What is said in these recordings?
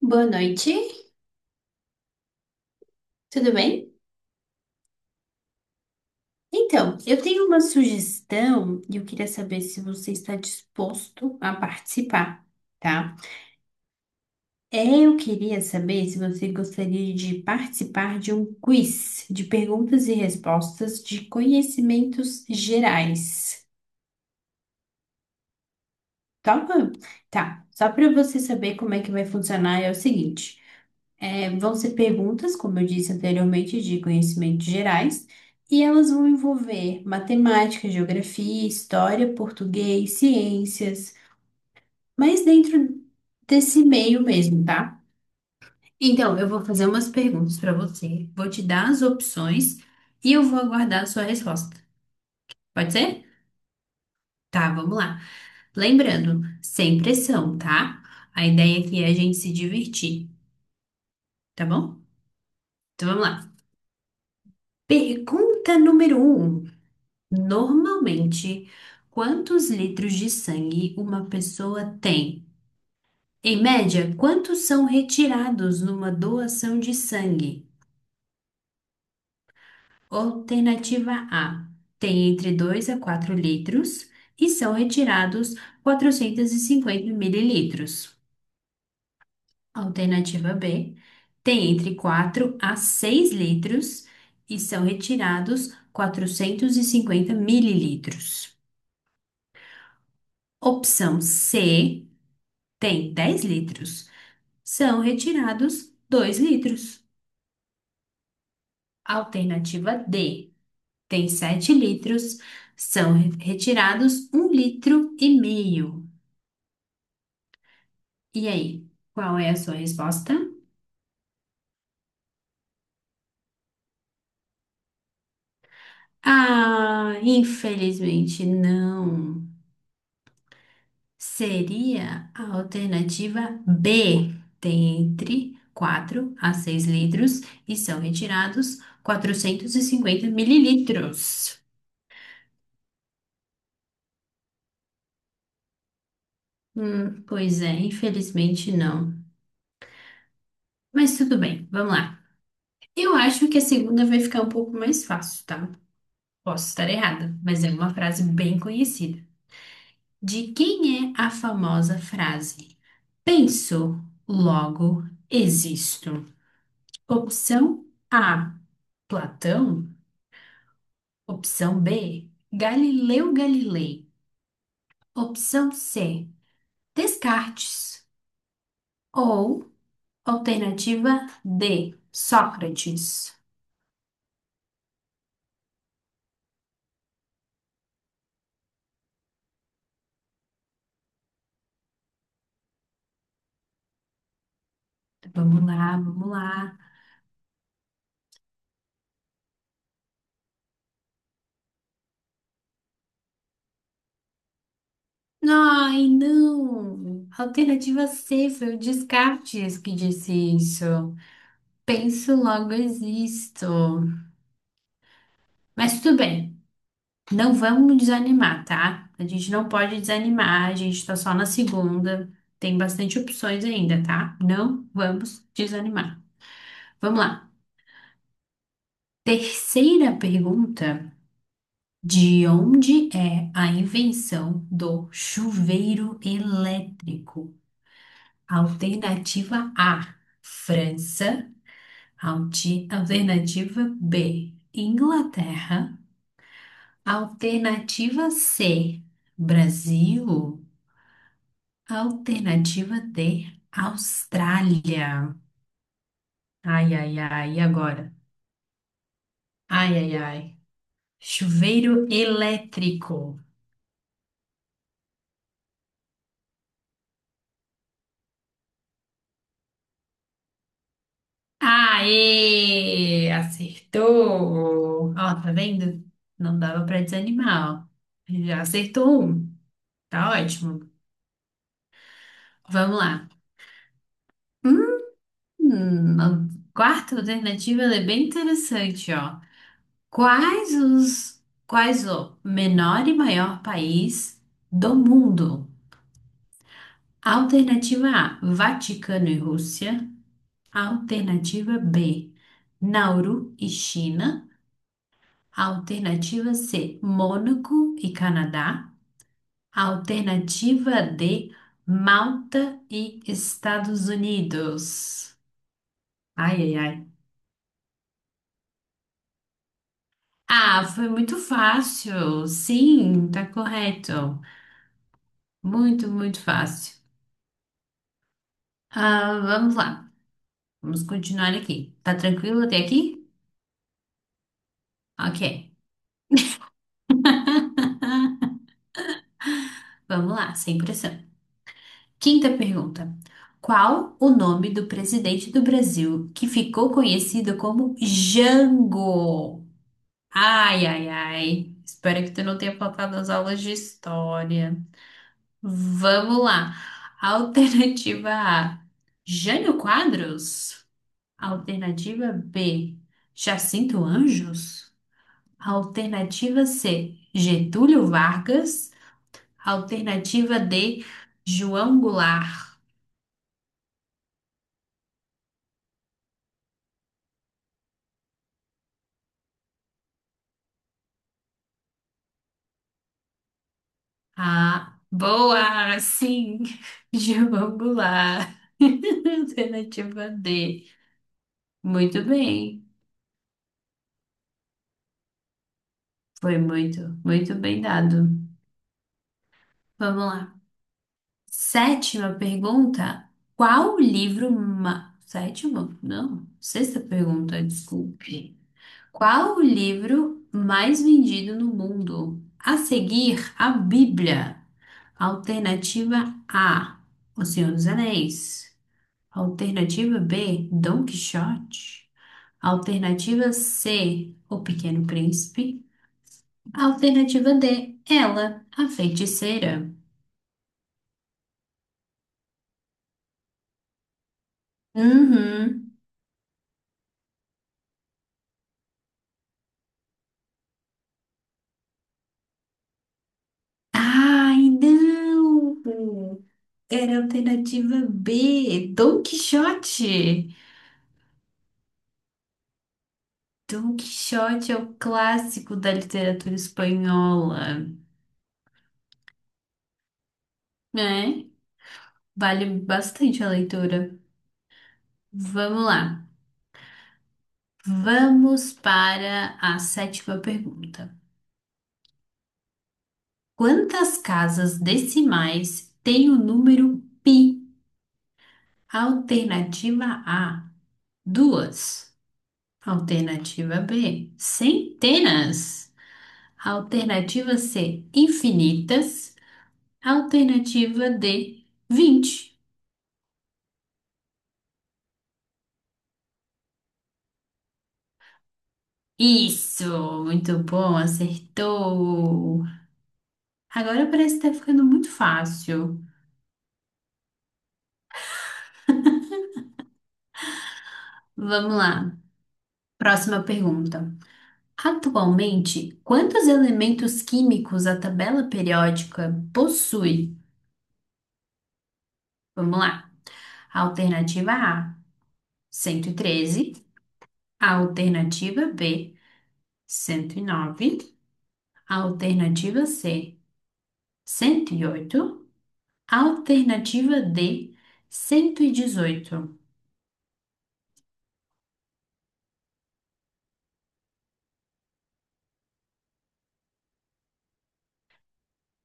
Boa noite, tudo bem? Então, eu tenho uma sugestão e eu queria saber se você está disposto a participar, tá? Eu queria saber se você gostaria de participar de um quiz de perguntas e respostas de conhecimentos gerais. Topa? Tá, só para você saber como é que vai funcionar é o seguinte. Vão ser perguntas, como eu disse anteriormente, de conhecimentos gerais, e elas vão envolver matemática, geografia, história, português, ciências, mas dentro desse meio mesmo, tá? Então, eu vou fazer umas perguntas para você, vou te dar as opções e eu vou aguardar a sua resposta. Pode ser? Tá, vamos lá. Lembrando, sem pressão, tá? A ideia aqui é a gente se divertir, tá bom? Então vamos lá. Pergunta número um. Normalmente, quantos litros de sangue uma pessoa tem? Em média, quantos são retirados numa doação de sangue? Alternativa A: tem entre 2 a 4 litros e são retirados 450 mililitros. Alternativa B: tem entre 4 a 6 litros e são retirados 450 mililitros. Opção C, tem 10 litros, são retirados 2 litros. Alternativa D, tem 7 litros, são retirados 1 litro e meio. E aí, qual é a sua resposta? Ah, infelizmente não. Seria a alternativa B, tem entre 4 a 6 litros e são retirados 450 mililitros. Pois é, infelizmente não. Mas tudo bem, vamos lá. Eu acho que a segunda vai ficar um pouco mais fácil, tá? Posso estar errada, mas é uma frase bem conhecida. De quem é a famosa frase? Penso, logo existo. Opção A, Platão. Opção B, Galileu Galilei. Opção C, Descartes. Ou alternativa D, Sócrates. Vamos lá, vamos lá. Ai, não! Alternativa C, foi o Descartes que disse isso. Penso, logo existo. Mas tudo bem, não vamos desanimar, tá? A gente não pode desanimar, a gente tá só na segunda, tem bastante opções ainda, tá? Não vamos desanimar. Vamos lá. Terceira pergunta: de onde é a invenção do chuveiro elétrico? Alternativa A, França. Alternativa B, Inglaterra. Alternativa C, Brasil. Alternativa D, Austrália. Ai, ai, ai, e agora? Ai, ai, ai. Chuveiro elétrico. Aê! Acertou! Ó, tá vendo? Não dava pra desanimar, ó. Já acertou um. Tá ótimo. Vamos lá. A quarta alternativa ela é bem interessante, ó. Quais o menor e maior país do mundo? Alternativa A, Vaticano e Rússia. Alternativa B, Nauru e China. Alternativa C, Mônaco e Canadá. Alternativa D, Malta e Estados Unidos. Ai, ai, ai. Ah, foi muito fácil. Sim, tá correto. Muito, muito fácil. Ah, vamos lá. Vamos continuar aqui. Tá tranquilo até aqui? Ok. Vamos lá, sem pressão. Quinta pergunta. Qual o nome do presidente do Brasil que ficou conhecido como Jango? Ai, ai, ai. Espero que tu não tenha faltado as aulas de história. Vamos lá. Alternativa A, Jânio Quadros? Alternativa B, Jacinto Anjos. Alternativa C, Getúlio Vargas. Alternativa D, João Goulart. Ah, boa! Sim, João Goulart. Alternativa D. Muito bem. Foi muito, muito bem dado. Vamos lá. Sétima pergunta. Qual o livro ma... Sétima? Não. Sexta pergunta, desculpe. Qual o livro mais vendido no mundo a seguir a Bíblia? Alternativa A, O Senhor dos Anéis. Alternativa B, Dom Quixote. Alternativa C, O Pequeno Príncipe. Alternativa D, Ela, a Feiticeira. Uhum. Ai, não! Era a alternativa B, Dom Quixote. Don Quixote é o clássico da literatura espanhola, né? Vale bastante a leitura. Vamos lá. Vamos para a sétima pergunta. Quantas casas decimais tem o número pi? Alternativa A, duas. Alternativa B, centenas. Alternativa C, infinitas. Alternativa D, 20. Isso, muito bom, acertou. Agora parece que tá ficando muito fácil. Vamos lá. Próxima pergunta. Atualmente, quantos elementos químicos a tabela periódica possui? Vamos lá. Alternativa A, 113. Alternativa B, 109. Alternativa C, 108. Alternativa D, 118.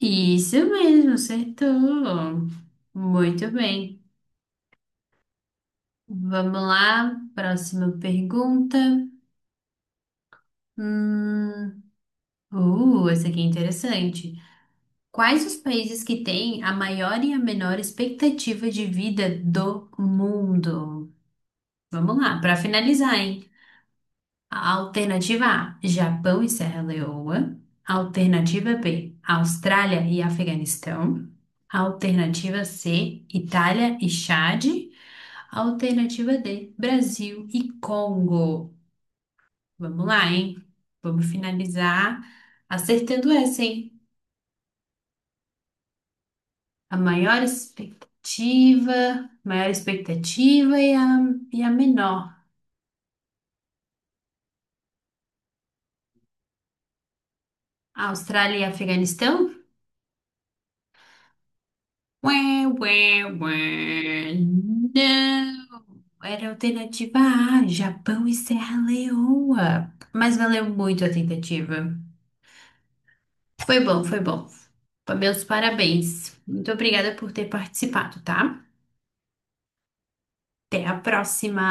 Isso mesmo, acertou. Muito bem. Vamos lá, próxima pergunta. Hum, Essa aqui é interessante. Quais os países que têm a maior e a menor expectativa de vida do mundo? Vamos lá, para finalizar, hein? A Alternativa A: Japão e Serra Leoa. Alternativa B: Austrália e Afeganistão. Alternativa C: Itália e Chad. Alternativa D, Brasil e Congo. Vamos lá, hein? Vamos finalizar acertando essa, hein? A maior expectativa e a menor. Austrália e Afeganistão? Ué, ué, ué. Não, era a alternativa A, Japão e Serra Leoa. Mas valeu muito a tentativa. Foi bom, foi bom. Meus parabéns. Muito obrigada por ter participado, tá? Até a próxima.